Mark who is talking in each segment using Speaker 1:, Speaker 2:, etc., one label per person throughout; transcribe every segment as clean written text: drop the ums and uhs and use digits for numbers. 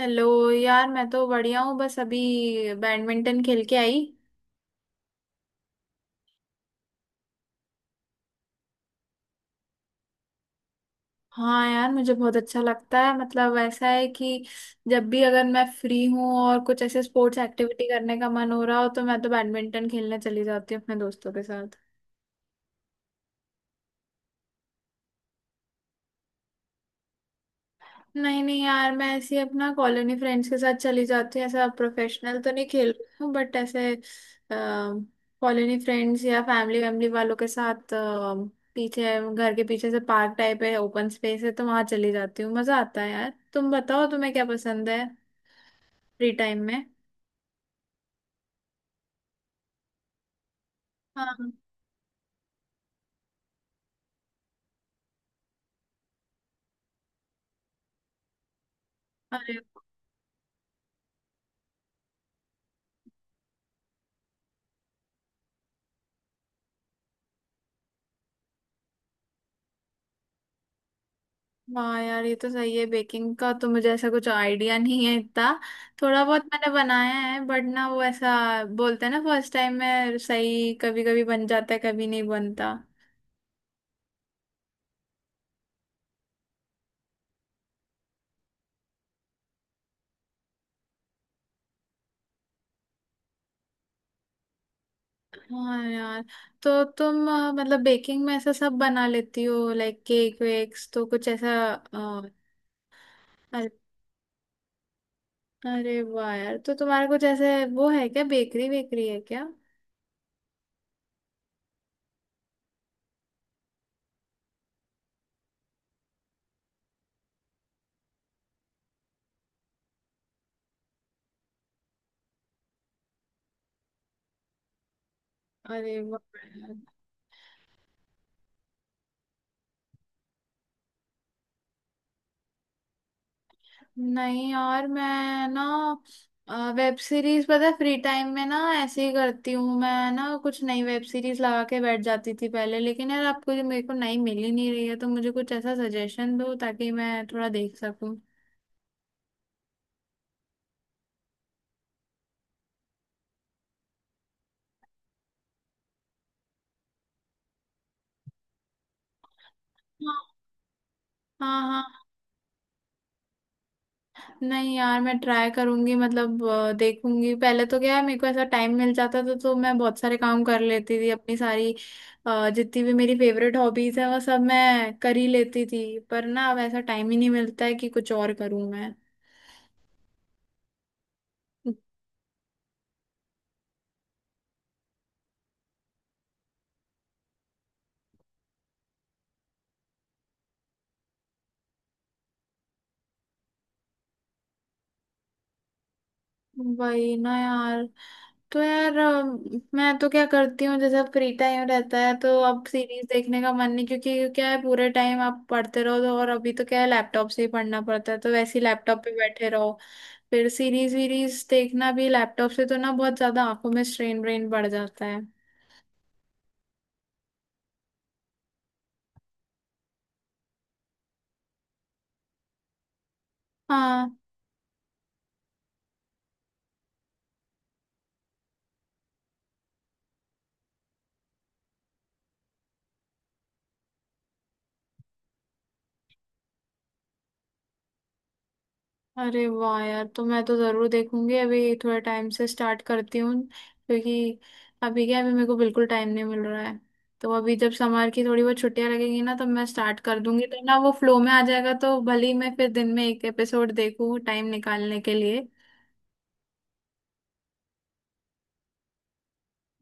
Speaker 1: Hello यार। मैं तो बढ़िया हूँ, बस अभी बैडमिंटन खेल के आई। हाँ यार, मुझे बहुत अच्छा लगता है। मतलब ऐसा है कि जब भी अगर मैं फ्री हूँ और कुछ ऐसे स्पोर्ट्स एक्टिविटी करने का मन हो रहा हो तो मैं तो बैडमिंटन खेलने चली जाती हूँ अपने दोस्तों के साथ। नहीं नहीं यार, मैं ऐसे ही अपना कॉलोनी फ्रेंड्स के साथ चली जाती हूँ। ऐसा प्रोफेशनल तो नहीं खेल रही हूँ, बट ऐसे कॉलोनी फ्रेंड्स या फैमिली वैमिली वालों के साथ पीछे, घर के पीछे से पार्क टाइप है, ओपन स्पेस है, तो वहां चली जाती हूँ। मजा आता है। यार तुम बताओ, तुम्हें क्या पसंद है फ्री टाइम में? हाँ। अरे। हाँ यार, ये तो सही है। बेकिंग का तो मुझे ऐसा कुछ आइडिया नहीं है इतना। थोड़ा बहुत मैंने बनाया है, बट ना वो ऐसा बोलते हैं ना, फर्स्ट टाइम में सही कभी कभी बन जाता है, कभी नहीं बनता। हाँ यार, तो तुम मतलब बेकिंग में ऐसा सब बना लेती हो? लाइक केक वेक्स तो कुछ ऐसा अरे। अरे वाह यार, तो तुम्हारा कुछ ऐसे वो है क्या, बेकरी वेकरी है क्या? अरे वाह। नहीं यार मैं ना, वेब सीरीज पता है, फ्री टाइम में ना ऐसे ही करती हूँ। मैं ना कुछ नई वेब सीरीज लगा के बैठ जाती थी पहले, लेकिन यार आपको जो, मेरे को नई मिल ही नहीं रही है, तो मुझे कुछ ऐसा सजेशन दो ताकि मैं थोड़ा देख सकूँ। हाँ हाँ। नहीं यार मैं ट्राई करूंगी, मतलब देखूंगी। पहले तो क्या है, मेरे को ऐसा टाइम मिल जाता था तो मैं बहुत सारे काम कर लेती थी, अपनी सारी जितनी भी मेरी फेवरेट हॉबीज है वो सब मैं कर ही लेती थी, पर ना अब ऐसा टाइम ही नहीं मिलता है कि कुछ और करूं मैं। वही ना यार। तो यार मैं तो क्या करती हूँ, जैसे अब फ्री टाइम रहता है तो अब सीरीज देखने का मन नहीं, क्योंकि क्या है, पूरे टाइम आप पढ़ते रहो तो, और अभी तो क्या है, लैपटॉप से ही पढ़ना पड़ता है तो वैसे ही लैपटॉप पे बैठे रहो, फिर सीरीज वीरीज देखना भी लैपटॉप से तो ना बहुत ज्यादा आंखों में स्ट्रेन व्रेन बढ़ जाता है। हाँ। अरे वाह यार, तो मैं तो जरूर देखूंगी। अभी थोड़ा टाइम से स्टार्ट करती हूँ, क्योंकि अभी क्या, अभी मेरे को बिल्कुल टाइम नहीं मिल रहा है। तो अभी जब समर की थोड़ी वो छुट्टियां लगेगी ना, तब मैं स्टार्ट कर दूंगी, तो ना वो फ्लो में आ जाएगा, तो भले ही मैं फिर दिन में एक एपिसोड देखूं टाइम निकालने के लिए।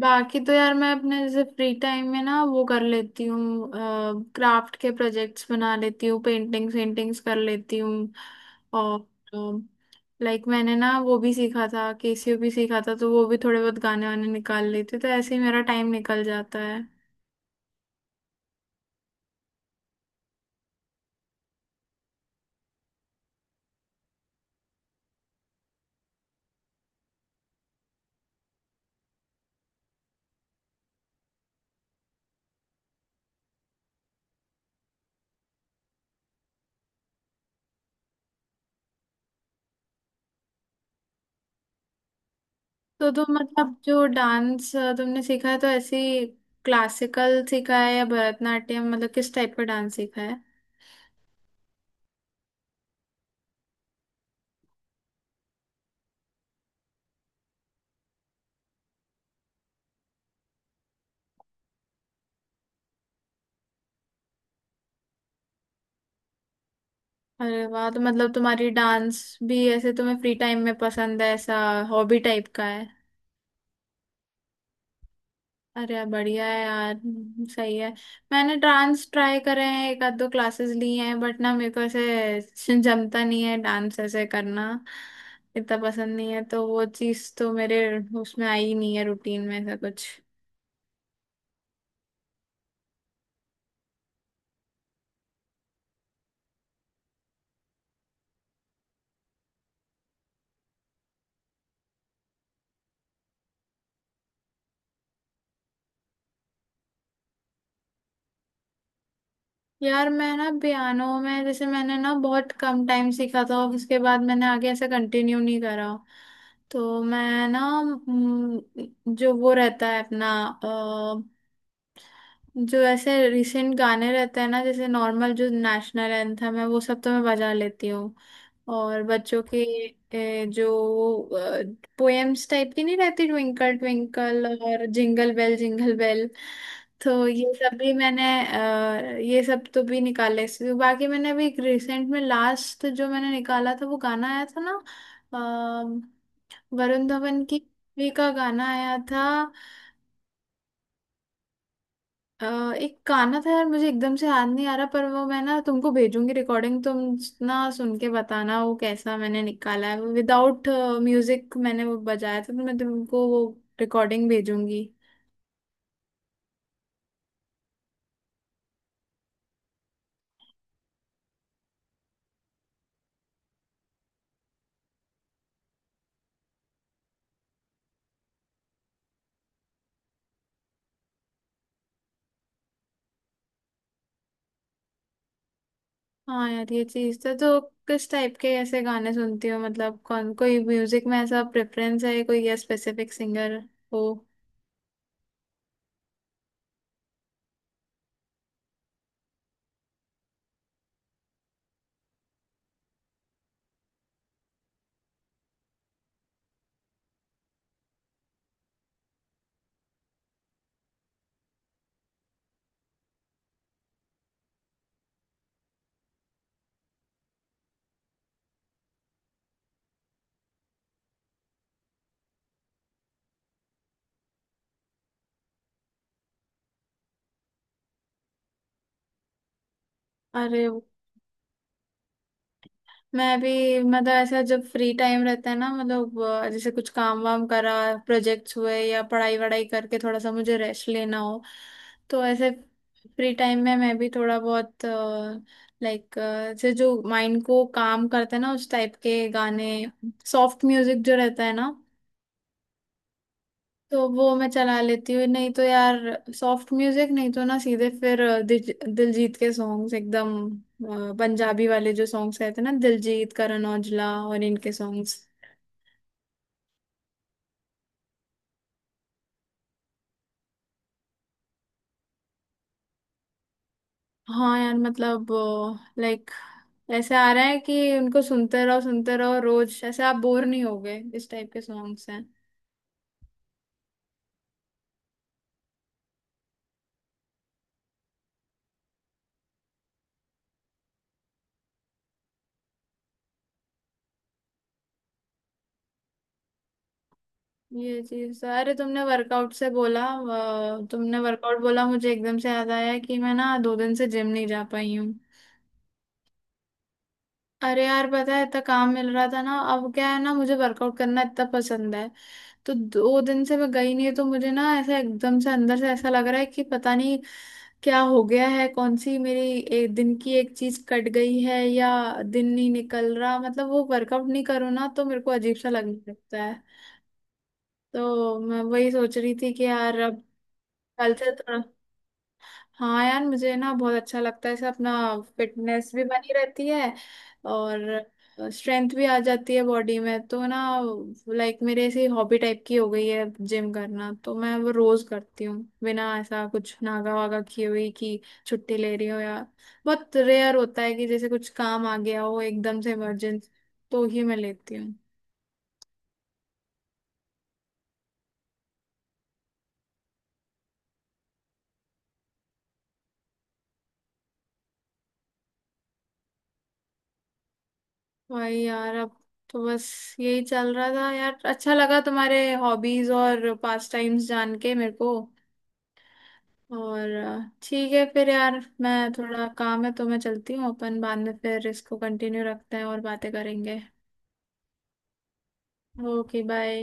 Speaker 1: बाकी तो यार मैं अपने जैसे फ्री टाइम में ना वो कर लेती हूँ, क्राफ्ट के प्रोजेक्ट्स बना लेती हूँ, पेंटिंग्स वेंटिंग्स कर लेती हूँ, और लाइक मैंने ना वो भी सीखा था, केसीओ भी सीखा था, तो वो भी थोड़े बहुत गाने वाने निकाल लेती हूँ, तो ऐसे ही मेरा टाइम निकल जाता है। तो तुम, मतलब जो डांस तुमने सीखा है, तो ऐसे क्लासिकल सीखा है या भरतनाट्यम, मतलब किस टाइप का डांस सीखा है? अरे वाह, तो मतलब तुम्हारी डांस भी ऐसे तुम्हें फ्री टाइम में पसंद है, ऐसा हॉबी टाइप का है? अरे यार बढ़िया है यार। सही है। मैंने डांस ट्राई करे हैं, एक आध दो क्लासेस ली हैं, बट ना मेरे को ऐसे जमता नहीं है, डांस ऐसे करना इतना पसंद नहीं है, तो वो चीज़ तो मेरे उसमें आई ही नहीं है रूटीन में, ऐसा कुछ। यार मैं ना पियानो में, जैसे मैंने ना बहुत कम टाइम सीखा था, उसके बाद मैंने आगे ऐसे कंटिन्यू नहीं करा, तो मैं ना, जो वो रहता है अपना अ, जो ऐसे रिसेंट गाने रहते हैं ना, जैसे नॉर्मल, जो नेशनल एंथम है, वो सब तो मैं बजा लेती हूँ। और बच्चों के जो पोएम्स टाइप की नहीं रहती, ट्विंकल ट्विंकल और जिंगल बेल जिंगल बेल, तो ये सब भी मैंने ये सब तो भी निकाले बाकी मैंने अभी रिसेंट में लास्ट जो मैंने निकाला था, वो गाना आया था ना, वरुण धवन की मूवी का गाना आया था। अ, एक गाना था यार, मुझे एकदम से याद नहीं आ रहा, पर वो मैं ना तुमको भेजूंगी रिकॉर्डिंग, तुम ना सुन के बताना वो कैसा मैंने निकाला है। विदाउट म्यूजिक मैंने वो बजाया था, तो मैं तुमको वो रिकॉर्डिंग भेजूंगी। हाँ यार, ये चीज था तो, किस टाइप के ऐसे गाने सुनती हो? मतलब कौन, कोई म्यूजिक में ऐसा प्रेफरेंस है कोई, या स्पेसिफिक सिंगर हो? अरे मैं भी, मतलब ऐसा, जब फ्री टाइम रहता है ना, मतलब जैसे कुछ काम वाम करा, प्रोजेक्ट्स हुए या पढ़ाई वढ़ाई करके थोड़ा सा मुझे रेस्ट लेना हो, तो ऐसे फ्री टाइम में मैं भी थोड़ा बहुत, लाइक जैसे जो माइंड को काम करते हैं ना, उस टाइप के गाने, सॉफ्ट म्यूजिक जो रहता है ना, तो वो मैं चला लेती हूँ। नहीं तो यार सॉफ्ट म्यूजिक नहीं तो ना सीधे फिर दिलजीत के सॉन्ग्स एकदम, पंजाबी वाले जो सॉन्ग्स रहते हैं ना, दिलजीत, करण औजला, और इनके सॉन्ग्स। हाँ यार, मतलब लाइक ऐसे आ रहा है कि उनको सुनते रहो रोज, ऐसे आप बोर नहीं होगे, इस टाइप के सॉन्ग्स हैं। ये चीज अरे तुमने वर्कआउट से बोला, तुमने वर्कआउट बोला, मुझे एकदम से याद आया कि मैं ना दो दिन से जिम नहीं जा पाई हूँ। अरे यार पता है, इतना काम मिल रहा था ना, अब क्या है ना, मुझे वर्कआउट करना इतना पसंद है, तो दो दिन से मैं गई नहीं तो मुझे ना ऐसा एकदम से अंदर से ऐसा लग रहा है कि पता नहीं क्या हो गया है, कौन सी मेरी एक दिन की एक चीज कट गई है, या दिन नहीं निकल रहा। मतलब वो वर्कआउट नहीं करूँ ना तो मेरे को अजीब सा लगने लगता है। तो मैं वही सोच रही थी कि यार अब कल से थोड़ा। हाँ यार मुझे ना बहुत अच्छा लगता है, इससे अपना फिटनेस भी बनी रहती है और स्ट्रेंथ भी आ जाती है बॉडी में, तो ना लाइक मेरे ऐसी हॉबी टाइप की हो गई है जिम करना, तो मैं वो रोज करती हूँ, बिना ऐसा कुछ नागा वागा किए हुई कि छुट्टी ले रही हो या, बहुत रेयर होता है कि जैसे कुछ काम आ गया हो एकदम से, इमरजेंसी, तो ही मैं लेती हूँ। भाई यार अब तो बस यही चल रहा था यार। अच्छा लगा तुम्हारे हॉबीज और पास टाइम्स जान के मेरे को। और ठीक है फिर यार, मैं थोड़ा काम है तो मैं चलती हूँ, अपन बाद में फिर इसको कंटिन्यू रखते हैं और बातें करेंगे। Okay bye.